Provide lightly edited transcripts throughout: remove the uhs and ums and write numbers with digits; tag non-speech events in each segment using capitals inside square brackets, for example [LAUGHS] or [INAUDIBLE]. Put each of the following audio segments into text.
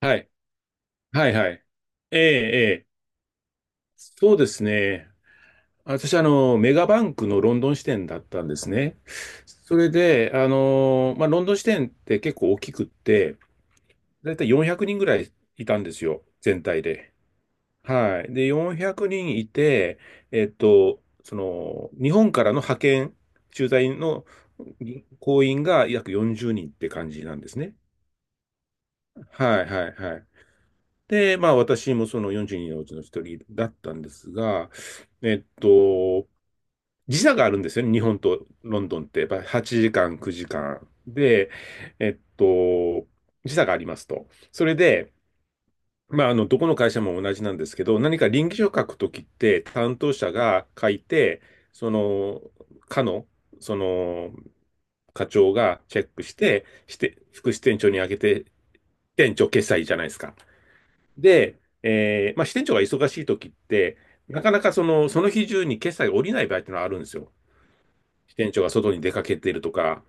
はい。はいはい。ええ、ええ。そうですね。私、メガバンクのロンドン支店だったんですね。それで、まあ、ロンドン支店って結構大きくって、だいたい400人ぐらいいたんですよ、全体で。はい。で、400人いて、日本からの派遣、駐在の行員が約40人って感じなんですね。はいはいはい。で、まあ私もその42のうちの一人だったんですが、えっと、時差があるんですよね、日本とロンドンって。やっぱ8時間、9時間。で、えっと、時差がありますと。それで、まあ、どこの会社も同じなんですけど、何か稟議書書くときって、担当者が書いて、その、課の、その、課長がチェックして、副支店長にあげて、支店長決済じゃないですか。で、まあ、支店長が忙しいときって、なかなかその日中に決済が下りない場合っていうのはあるんですよ。支店長が外に出かけているとか。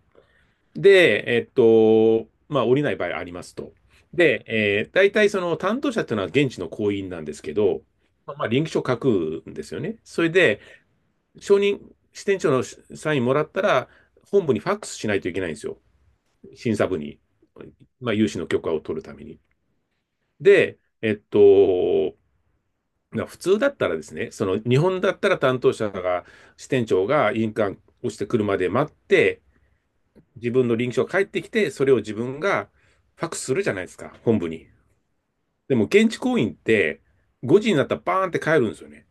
で、まあ、降りない場合ありますと。で、大体その担当者っていうのは現地の行員なんですけど、まあ臨機書書くんですよね。それで、承認、支店長のサインもらったら、本部にファックスしないといけないんですよ。審査部に。まあ、融資の許可を取るために。で、普通だったらですね、その日本だったら担当者が、支店長が印鑑をしてくるまで待って、自分の臨書が返ってきて、それを自分がファックスするじゃないですか、本部に。でも現地行員って、5時になったらバーンって帰るんですよね。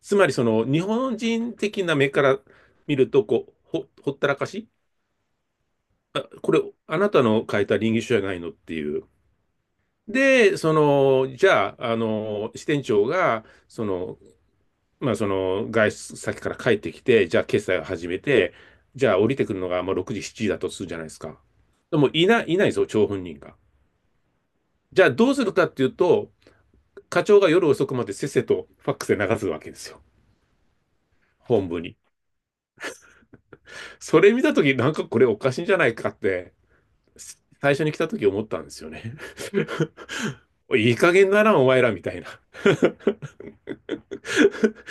つまりその日本人的な目から見ると、こう、ほったらかし。あ、これ、あなたの書いた臨書じゃないのっていう。で、じゃあ、支店長が、まあ、その外出先から帰ってきて、じゃあ決済を始めて、じゃあ降りてくるのがまあ6時、7時だとするじゃないですか。でもいないですよ、張本人が。じゃあどうするかっていうと、課長が夜遅くまでせっせとファックスで流すわけですよ、本部に。それ見たとき、なんかこれおかしいんじゃないかって、最初に来たとき思ったんですよね。[LAUGHS] いい加減だな、お前らみたいな。[LAUGHS]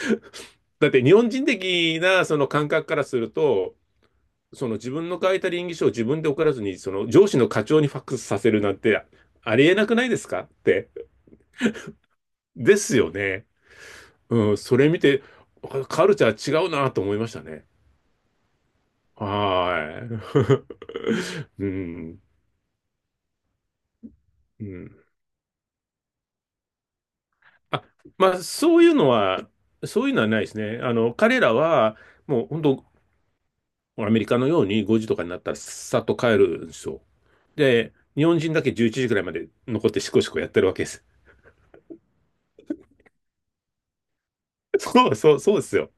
だって日本人的なその感覚からすると、その自分の書いた稟議書を自分で送らずに、その上司の課長にファックスさせるなんてありえなくないですかって。ですよね。うん、それ見て、カルチャー違うなと思いましたね。はーい。[LAUGHS] うん、うん。あ、まあ、そういうのはないですね。彼らは、もう本当、アメリカのように5時とかになったらさっと帰るんですよ。で、日本人だけ11時くらいまで残ってシコシコやってるわけです。[LAUGHS] そうそう、そうですよ。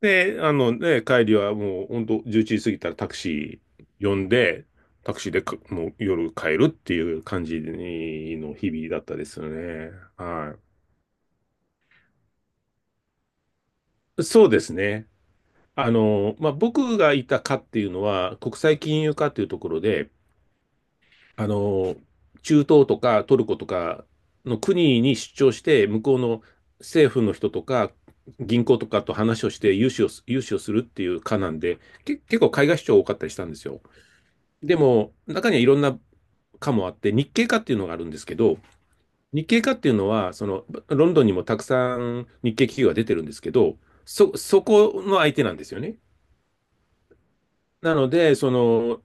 で、あのね、帰りはもう本当11時過ぎたらタクシー呼んで、タクシーでかもう夜帰るっていう感じの日々だったですよね。はい。そうですね。まあ、僕がいた課っていうのは国際金融課っていうところで、あの、中東とかトルコとかの国に出張して、向こうの政府の人とか銀行とかと話をして融資をするっていう課なんで、結構海外出張多かったりしたんですよ。でも、中にはいろんな科もあって、日系科っていうのがあるんですけど、日系科っていうのは、ロンドンにもたくさん日系企業が出てるんですけど、そこの相手なんですよね。なので、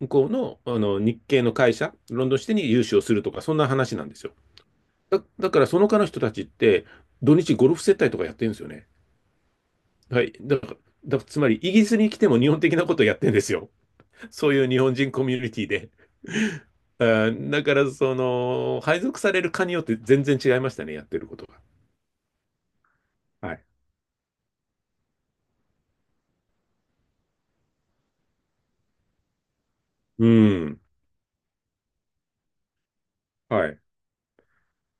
向こうの、あの日系の会社、ロンドン支店に融資をするとか、そんな話なんですよ。だから、その科の人たちって、土日ゴルフ接待とかやってるんですよね。はい。だから、だからつまり、イギリスに来ても日本的なことをやってるんですよ。そういう日本人コミュニティで。[LAUGHS] あだから、配属される科によって全然違いましたね、やってることが。はい。うん。はい。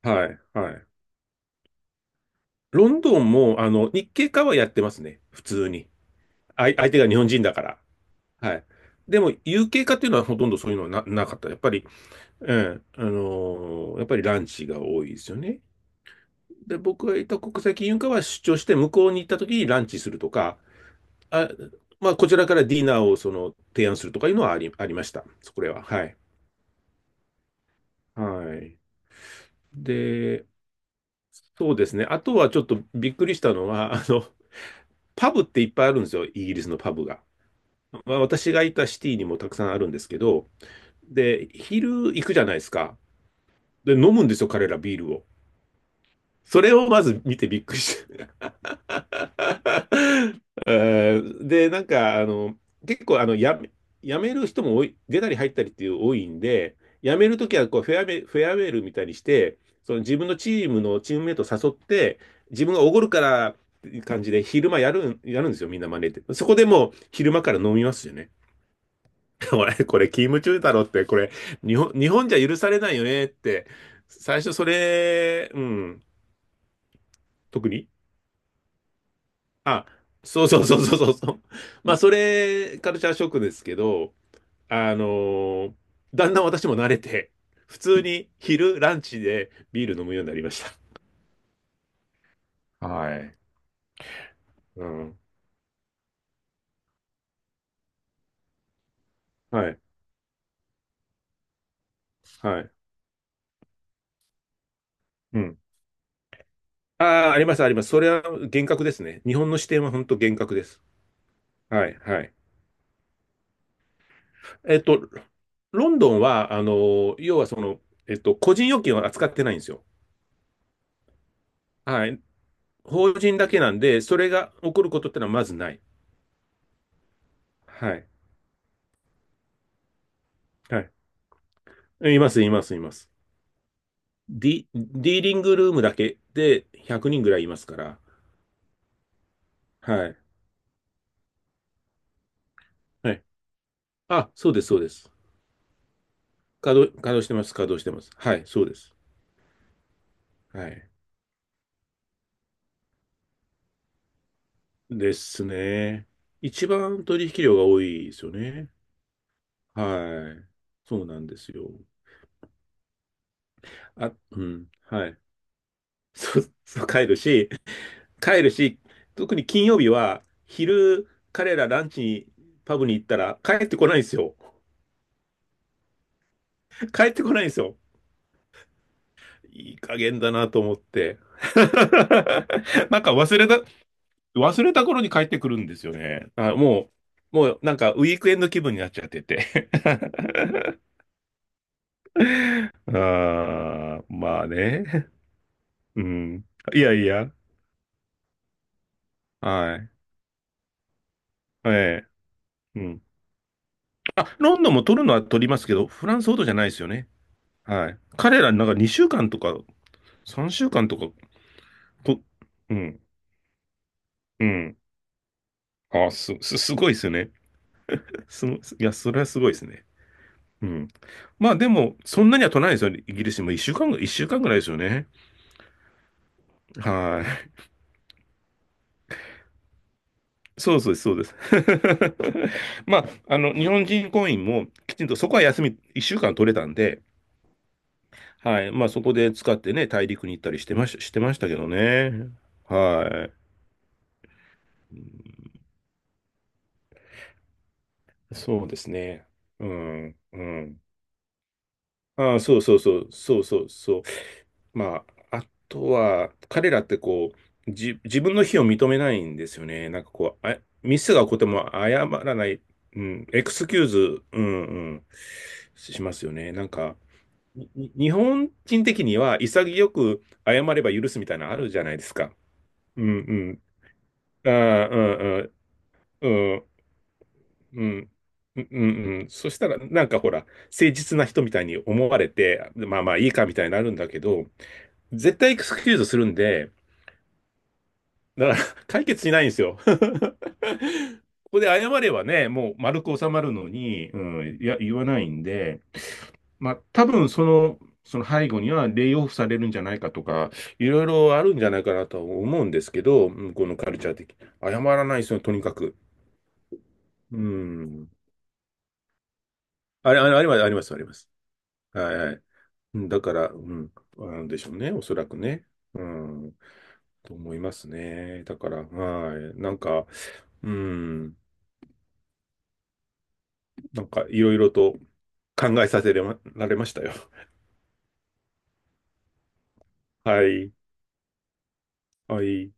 はい。はい。ロンドンも、日系科はやってますね、普通に。あい、相手が日本人だから。はい。でも、有形化っていうのはほとんどそういうのはなかった。やっぱり、うん、やっぱりランチが多いですよね。で、僕がいた国際金融科は出張して、向こうに行った時にランチするとか、あ、まあ、こちらからディナーをその提案するとかいうのはありました。そこれは。はい。はい。で、そうですね。あとはちょっとびっくりしたのは、[LAUGHS] パブっていっぱいあるんですよ。イギリスのパブが。まあ、私がいたシティにもたくさんあるんですけど、で、昼行くじゃないですか。で、飲むんですよ、彼らビールを。それをまず見てびっくりし。 [LAUGHS] で、なんか、結構、やめる人も多い、出たり入ったりっていう多いんで、やめるときは、こう、フェアウェイルみたいにして、その自分のチームのチームメイトを誘って、自分がおごるからっていう感じで、昼間やるん、やるんですよ、みんな真似て。そこでもう、昼間から飲みますよね。[LAUGHS] これ、勤務中だろって、これ、日本じゃ許されないよねって、最初それ、うん、特にあ、そうそうそうそうそうそう。まあ、それ、カルチャーショックですけど、あのーだんだん私も慣れて、普通に昼、ランチでビール飲むようになりました。はい。うん。はい。はい。うん。ああ、あります。それは厳格ですね。日本の視点は本当厳格です。はい、はい。えっと、ロンドンは、要はその、個人預金は扱ってないんですよ。はい。法人だけなんで、それが起こることってのはまずない。はい。はい。います、います、います。ディーリングルームだけで100人ぐらいいますから。はい。はい。あ、そうです、そうです。稼働してます、稼働してます。はい、そうです。はい。ですね。一番取引量が多いですよね。はい。そうなんですよ。あ、うん。はい。[LAUGHS] そう、そう、帰るし、帰るし、特に金曜日は、昼、彼らランチに、パブに行ったら、帰ってこないんですよ。帰ってこないんですよ。いい加減だなと思って。[LAUGHS] なんか忘れた、忘れた頃に帰ってくるんですよね。あ、もうなんかウィークエンド気分になっちゃってて。 [LAUGHS] あー、まあね。うん。いやいや。はい。ええ。うん。あ、ロンドンも取るのは取りますけど、フランスほどじゃないですよね。はい。彼らなんか2週間とか、3週間とか、と、うん。うん。あ、すごいですよね。いや、それはすごいですね。うん。まあでも、そんなには取らないですよ。イギリスも一週間ぐらいですよね。はい。そうそうです、そうです。[LAUGHS] まあ、日本人婚姻もきちんとそこは休み、一週間取れたんで、はい。まあそこで使ってね、大陸に行ったりしてましたけどね。はい。そうですね。うん、うん。ああ、そうそうそう、そうそうそう。まあ、あとは、彼らってこう、自分の非を認めないんですよね。なんかこう、あ、ミスが起こっても謝らない、うん、エクスキューズ、うん、うん、しますよね。なんか、日本人的には潔く謝れば許すみたいなのあるじゃないですか。うん、うん、ああうんうんうんうんうんうんうん、そしたら、なんかほら、誠実な人みたいに思われて、まあまあいいかみたいになるんだけど、絶対エクスキューズするんで、だから、解決しないんですよ。[LAUGHS] ここで謝ればね、もう丸く収まるのに、うん、いや、言わないんで、まあ、多分その、その背後にはレイオフされるんじゃないかとか、いろいろあるんじゃないかなとは思うんですけど、向こうのカルチャー的。謝らないですよ、とにかく。うん。あれ、あれ、あります、あります、あります。はい、はい。うんだから、うん、なんでしょうね、おそらくね。うん、と思いますね。だから、はい。なんか、うん、なんかいろいろと、考えさせられましたよ。[LAUGHS] はい。はい。